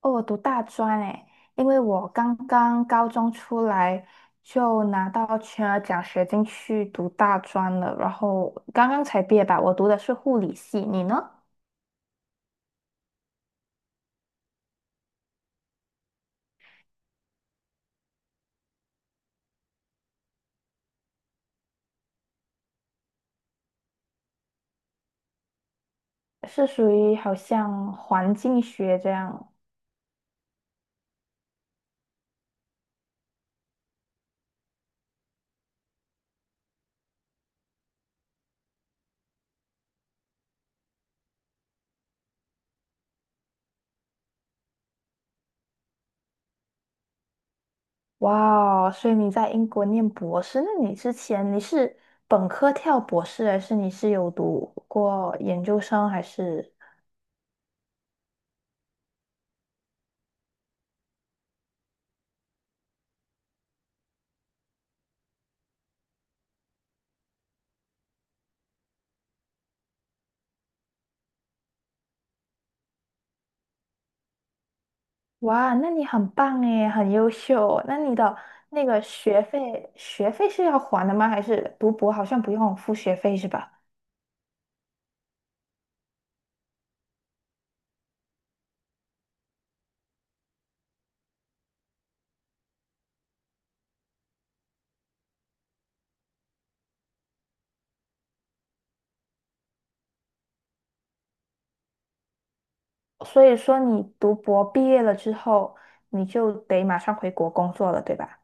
哦，我读大专诶，因为我刚刚高中出来就拿到全额奖学金去读大专了，然后刚刚才毕业吧。我读的是护理系，你呢？是属于好像环境学这样。哇哦，所以你在英国念博士，那你之前你是本科跳博士，还是你是有读过研究生，还是？哇，那你很棒诶，很优秀。那你的那个学费，学费是要还的吗？还是读博好像不用付学费是吧？所以说你读博毕业了之后，你就得马上回国工作了，对吧？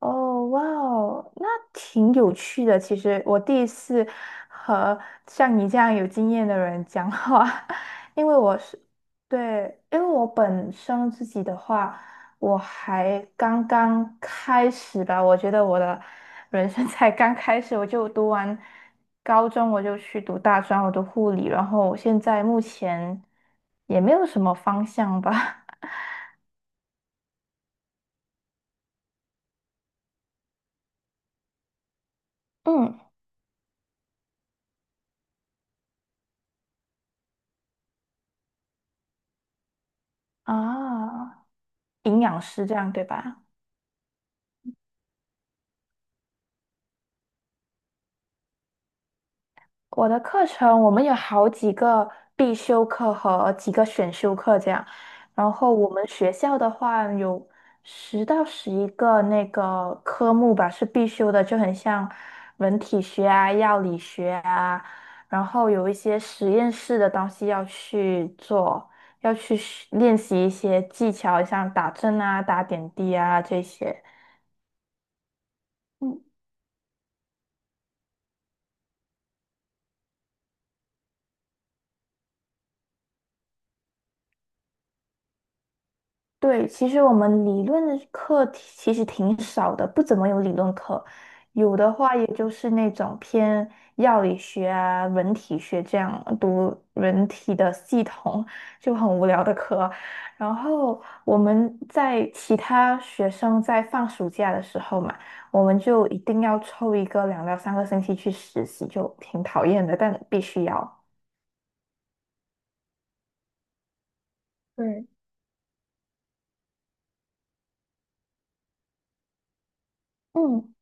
哦，哇哦，那挺有趣的。其实我第一次和像你这样有经验的人讲话，因为我是，对，因为我本身自己的话，我还刚刚开始吧。我觉得我的人生才刚开始，我就读完高中，我就去读大专，我读护理，然后现在目前也没有什么方向吧。嗯，啊，营养师这样对吧？我的课程我们有好几个必修课和几个选修课这样，然后我们学校的话有10到11个那个科目吧是必修的，就很像人体学啊、药理学啊，然后有一些实验室的东西要去做，要去学练习一些技巧，像打针啊、打点滴啊这些。嗯对，其实我们理论的课题其实挺少的，不怎么有理论课，有的话也就是那种偏药理学啊、人体学这样读人体的系统，就很无聊的课。然后我们在其他学生在放暑假的时候嘛，我们就一定要抽一个2到3个星期去实习，就挺讨厌的，但必须要。对，嗯，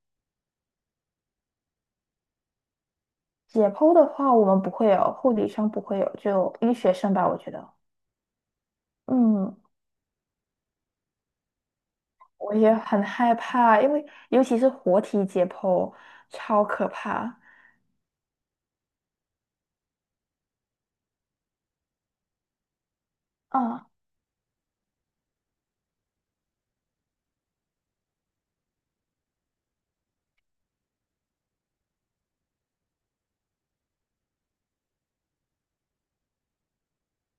解剖的话，我们不会有，护理上不会有，就医学生吧，我觉得。嗯，我也很害怕，因为尤其是活体解剖，超可怕。嗯，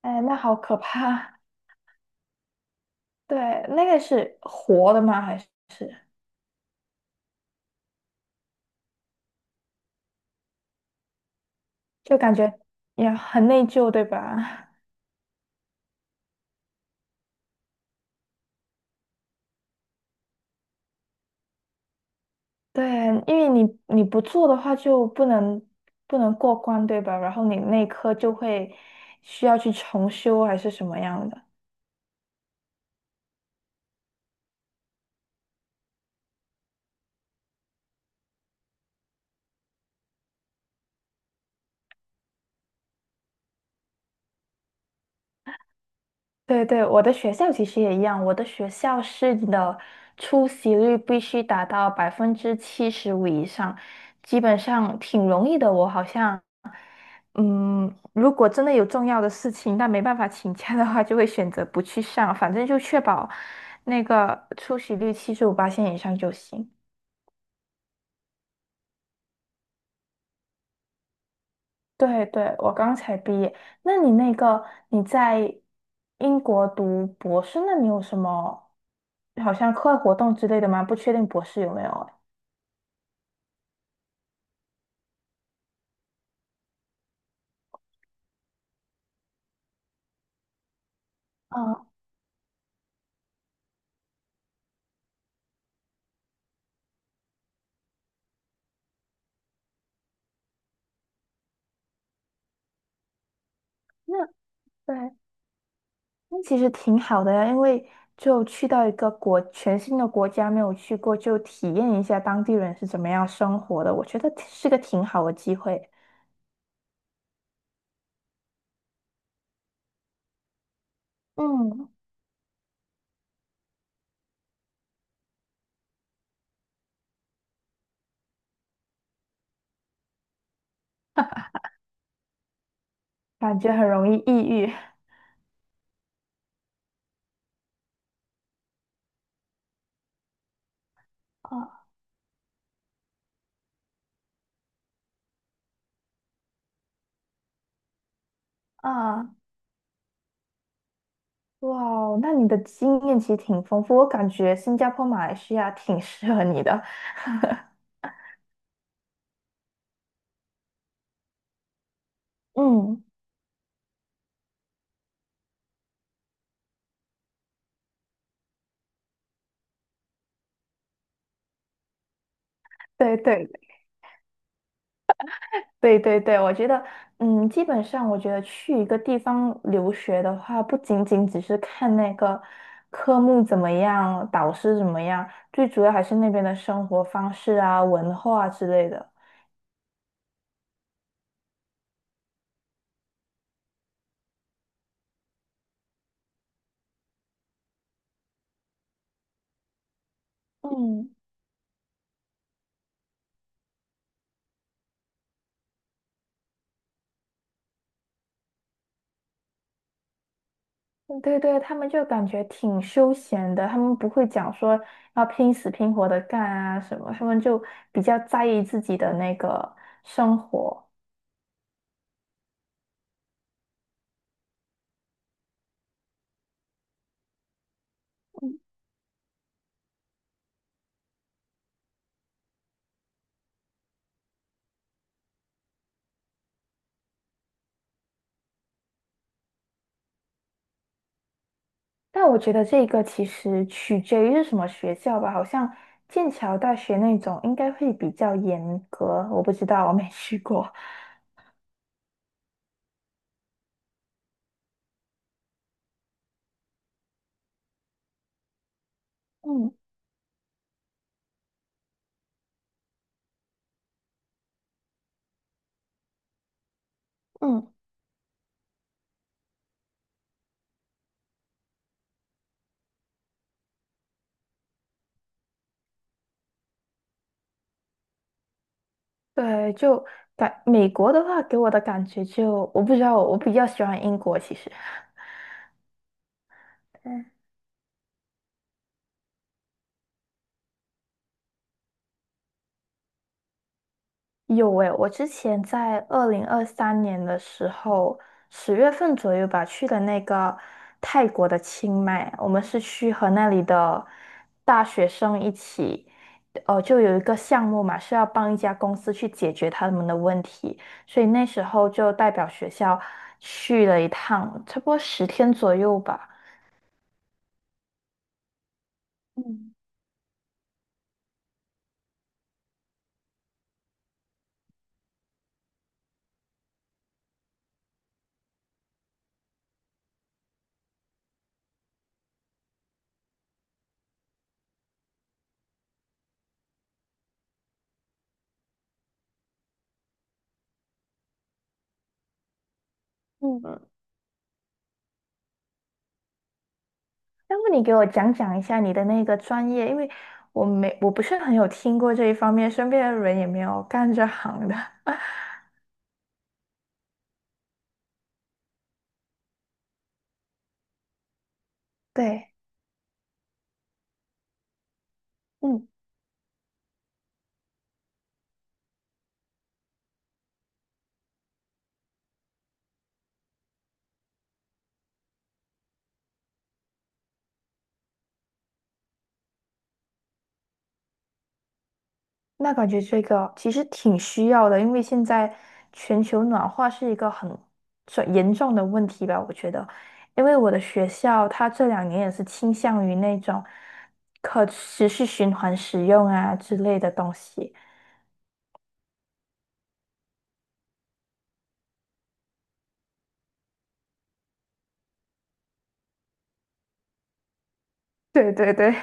哎，那好可怕。对，那个是活的吗？还是就感觉也很内疚，对吧？对，因为你不做的话就不能过关，对吧？然后你内科就会需要去重修还是什么样的。对对，我的学校其实也一样，我的学校是你的出席率必须达到75%以上，基本上挺容易的。我好像，嗯，如果真的有重要的事情，但没办法请假的话，就会选择不去上，反正就确保那个出席率七十五八线以上就行。对对，我刚才毕业。那你那个你在英国读博士，那你有什么好像课外活动之类的吗？不确定博士有没有啊。哦，那对，那其实挺好的呀，因为就去到一个国全新的国家没有去过，就体验一下当地人是怎么样生活的，我觉得是个挺好的机会。嗯，感觉很容易抑郁。啊啊，哇哦，那你的经验其实挺丰富，我感觉新加坡、马来西亚挺适合你的。嗯，对对。对对对，我觉得，嗯，基本上我觉得去一个地方留学的话，不仅仅只是看那个科目怎么样，导师怎么样，最主要还是那边的生活方式啊、文化啊之类的。嗯，对对，他们就感觉挺休闲的，他们不会讲说要拼死拼活的干啊什么，他们就比较在意自己的那个生活。但我觉得这个其实取决于是什么学校吧，好像剑桥大学那种应该会比较严格，我不知道，我没去过。嗯嗯对，就感美国的话，给我的感觉就我不知道，我比较喜欢英国其实。有诶，我之前在2023年的时候，10月份左右吧，去了那个泰国的清迈，我们是去和那里的大学生一起，呃，就有一个项目嘛，是要帮一家公司去解决他们的问题，所以那时候就代表学校去了一趟，差不多10天左右吧。嗯嗯，要不你给我讲讲一下你的那个专业，因为我不是很有听过这一方面，身边的人也没有干这行的。对，嗯，那感觉这个其实挺需要的，因为现在全球暖化是一个很严重的问题吧，我觉得。因为我的学校，它这两年也是倾向于那种可持续循环使用啊之类的东西。对对对，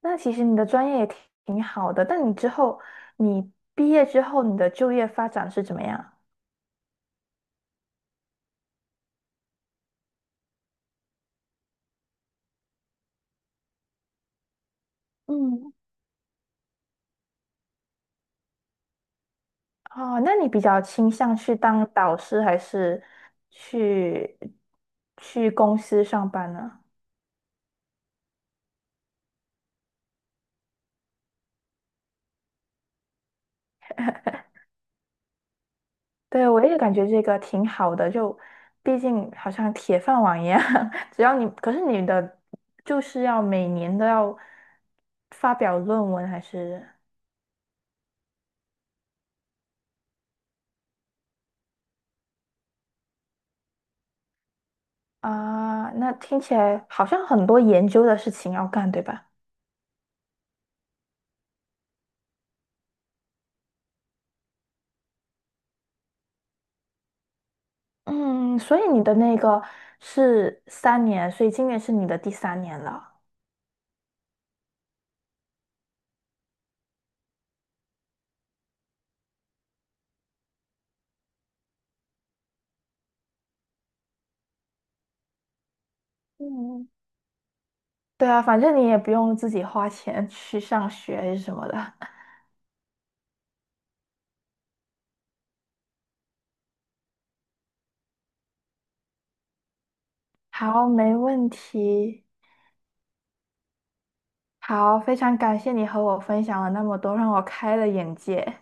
那其实你的专业也挺好的，但你之后，你毕业之后，你的就业发展是怎么样？嗯。哦，那你比较倾向去当导师，还是去公司上班呢？对，我也感觉这个挺好的，就毕竟好像铁饭碗一样，只要你，可是你的就是要每年都要发表论文，还是啊？那听起来好像很多研究的事情要干，对吧？嗯，所以你的那个是三年，所以今年是你的第3年了。嗯，对啊，反正你也不用自己花钱去上学还是什么的。好，没问题。好，非常感谢你和我分享了那么多，让我开了眼界。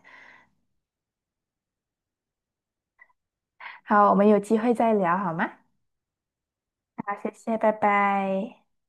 好，我们有机会再聊好吗？好，谢谢，拜拜。